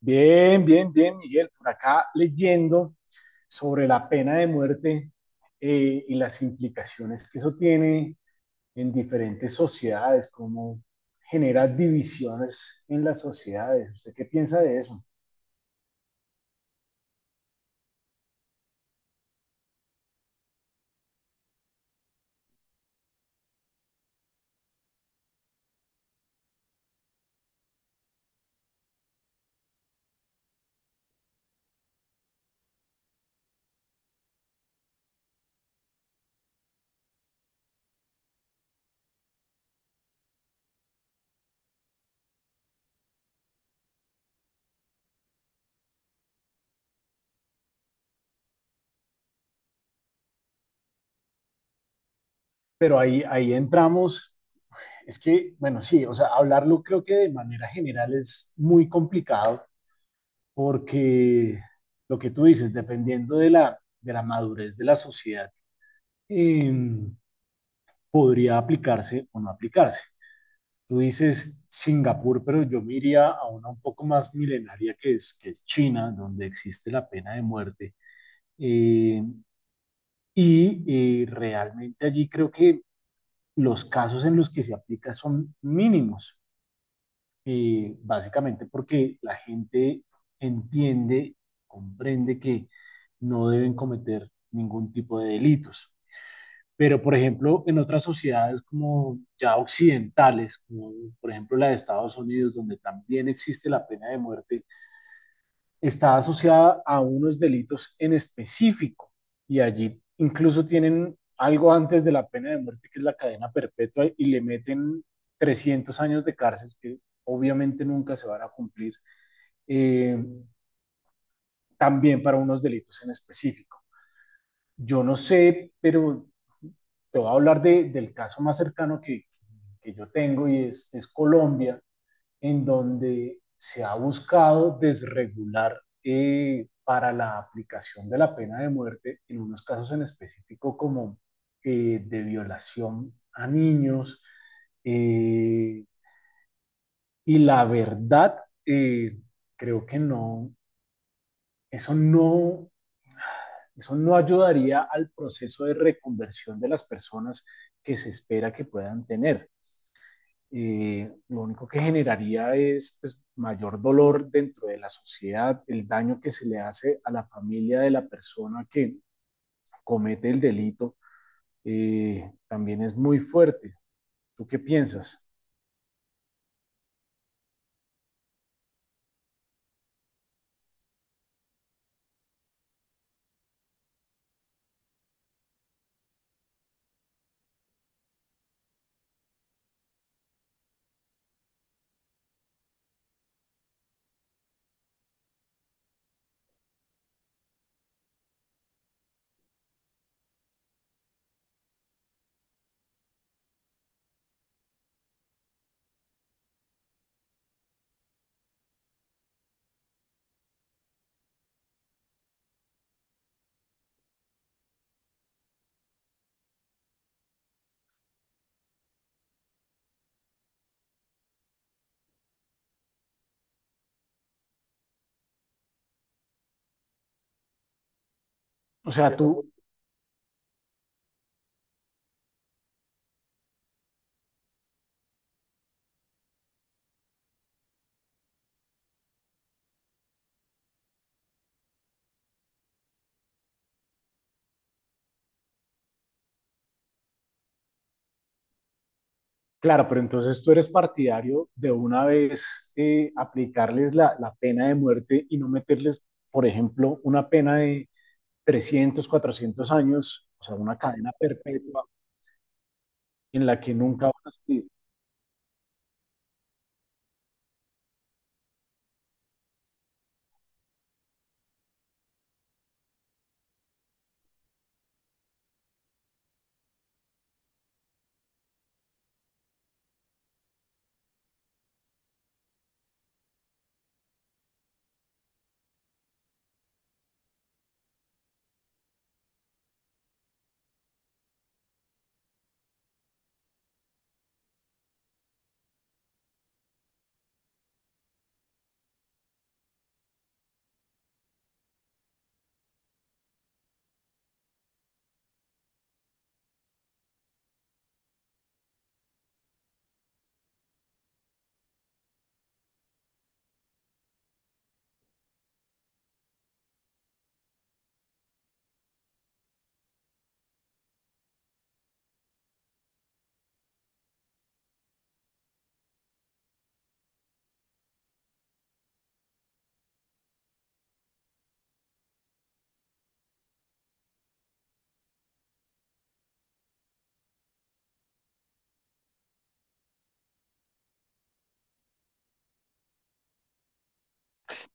Bien, bien, bien, Miguel. Por acá leyendo sobre la pena de muerte y las implicaciones que eso tiene en diferentes sociedades, cómo genera divisiones en las sociedades. ¿Usted qué piensa de eso? Pero ahí entramos, es que, bueno, sí, o sea, hablarlo creo que de manera general es muy complicado porque lo que tú dices, dependiendo de la madurez de la sociedad, em, podría aplicarse o no aplicarse. Tú dices Singapur, pero yo me iría a una un poco más milenaria que es China, donde existe la pena de muerte. Eh, realmente allí creo que los casos en los que se aplica son mínimos, básicamente porque la gente entiende, comprende que no deben cometer ningún tipo de delitos. Pero, por ejemplo, en otras sociedades como ya occidentales, como por ejemplo la de Estados Unidos, donde también existe la pena de muerte, está asociada a unos delitos en específico. Y allí incluso tienen algo antes de la pena de muerte, que es la cadena perpetua, y le meten 300 años de cárcel, que obviamente nunca se van a cumplir, eh, también para unos delitos en específico. Yo no sé, pero te voy a hablar del caso más cercano que yo tengo y es Colombia, en donde se ha buscado desregular para la aplicación de la pena de muerte, en unos casos en específico como de violación a niños. Eh, y la verdad, eh, creo que no, eso no, eso no ayudaría al proceso de reconversión de las personas que se espera que puedan tener. Lo único que generaría es pues, mayor dolor dentro de la sociedad, el daño que se le hace a la familia de la persona que comete el delito, también es muy fuerte. ¿Tú qué piensas? O sea, tú, claro, pero entonces tú eres partidario de una vez aplicarles la pena de muerte y no meterles, por ejemplo, una pena de 300, 400 años, o sea, una cadena perpetua en la que nunca van a salir.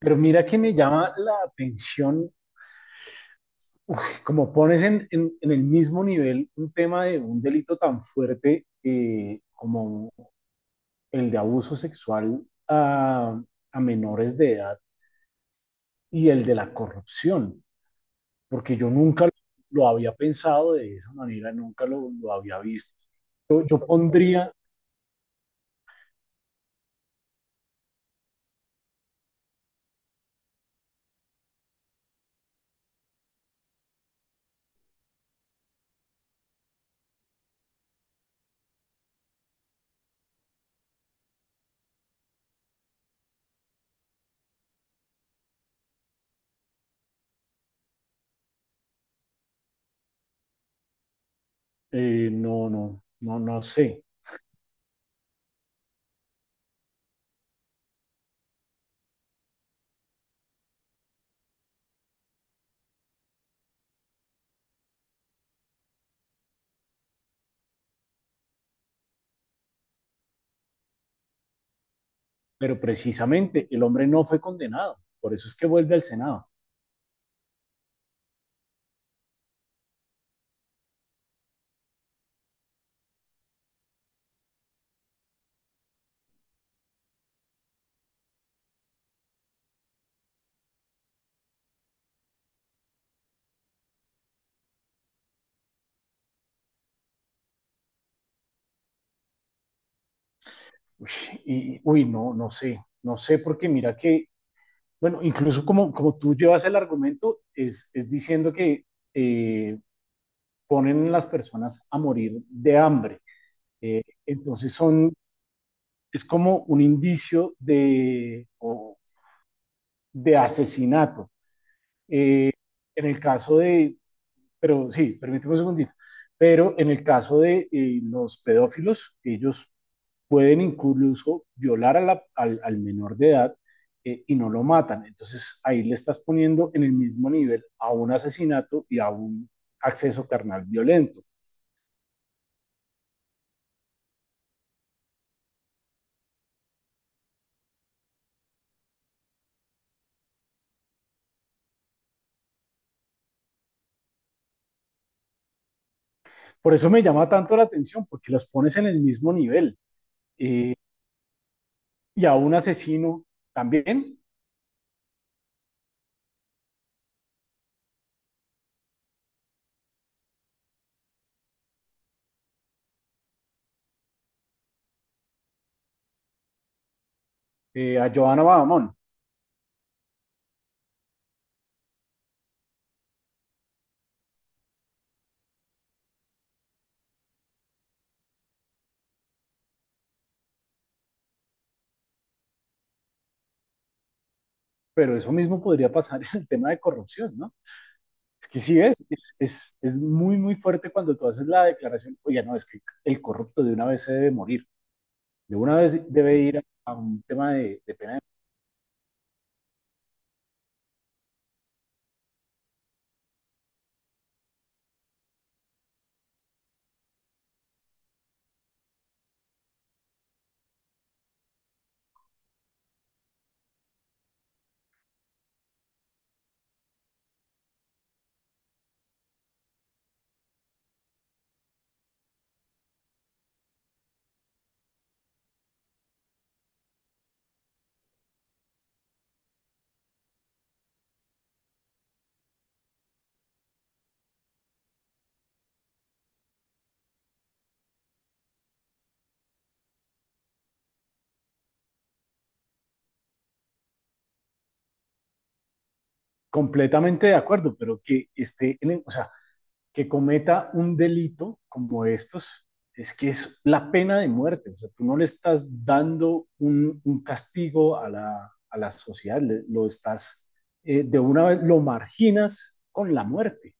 Pero mira que me llama la atención, uf, como pones en el mismo nivel un tema de un delito tan fuerte como el de abuso sexual a, a menores de edad y el de la corrupción, porque yo nunca lo había pensado de esa manera, nunca lo, lo había visto. Yo pondría, no sé, pero precisamente el hombre no fue condenado, por eso es que vuelve al Senado. Uy, no sé, no sé, porque mira que, bueno, incluso como, como tú llevas el argumento, es diciendo que eh, ponen las personas a morir de hambre. Entonces es como un indicio de, o- de asesinato. Eh, en el caso de, pero sí, permíteme un segundito. Pero en el caso de los pedófilos, ellos pueden incluso violar a la- al menor de edad y no lo matan. Entonces ahí le estás poniendo en el mismo nivel a un asesinato y a un acceso carnal violento. Por eso me llama tanto la atención, porque los pones en el mismo nivel y a un asesino también, a Johanna Badamón. Pero eso mismo podría pasar en el tema de corrupción, ¿no? Es que sí, es muy, muy fuerte cuando tú haces la declaración, oye, no, es que el corrupto de una vez se debe morir, de una vez debe ir a un tema de pena. Completamente de acuerdo, pero que esté, en el- o sea, que cometa un delito como estos, es que es la pena de muerte, o sea, tú no le estás dando un castigo a a la sociedad, le- lo estás, de una vez lo marginas con la muerte.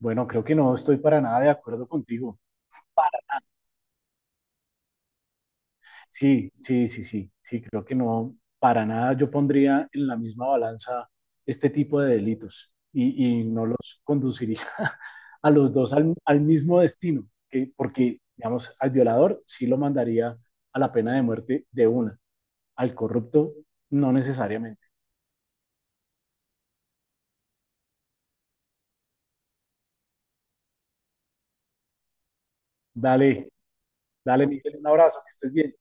Bueno, creo que no estoy para nada de acuerdo contigo. Sí, creo que no, para nada yo pondría en la misma balanza este tipo de delitos y no los conduciría a los dos al, al mismo destino, que- porque, digamos, al violador sí lo mandaría a la pena de muerte de una, al corrupto no necesariamente. Dale, dale, Miguel, un abrazo, que estés bien.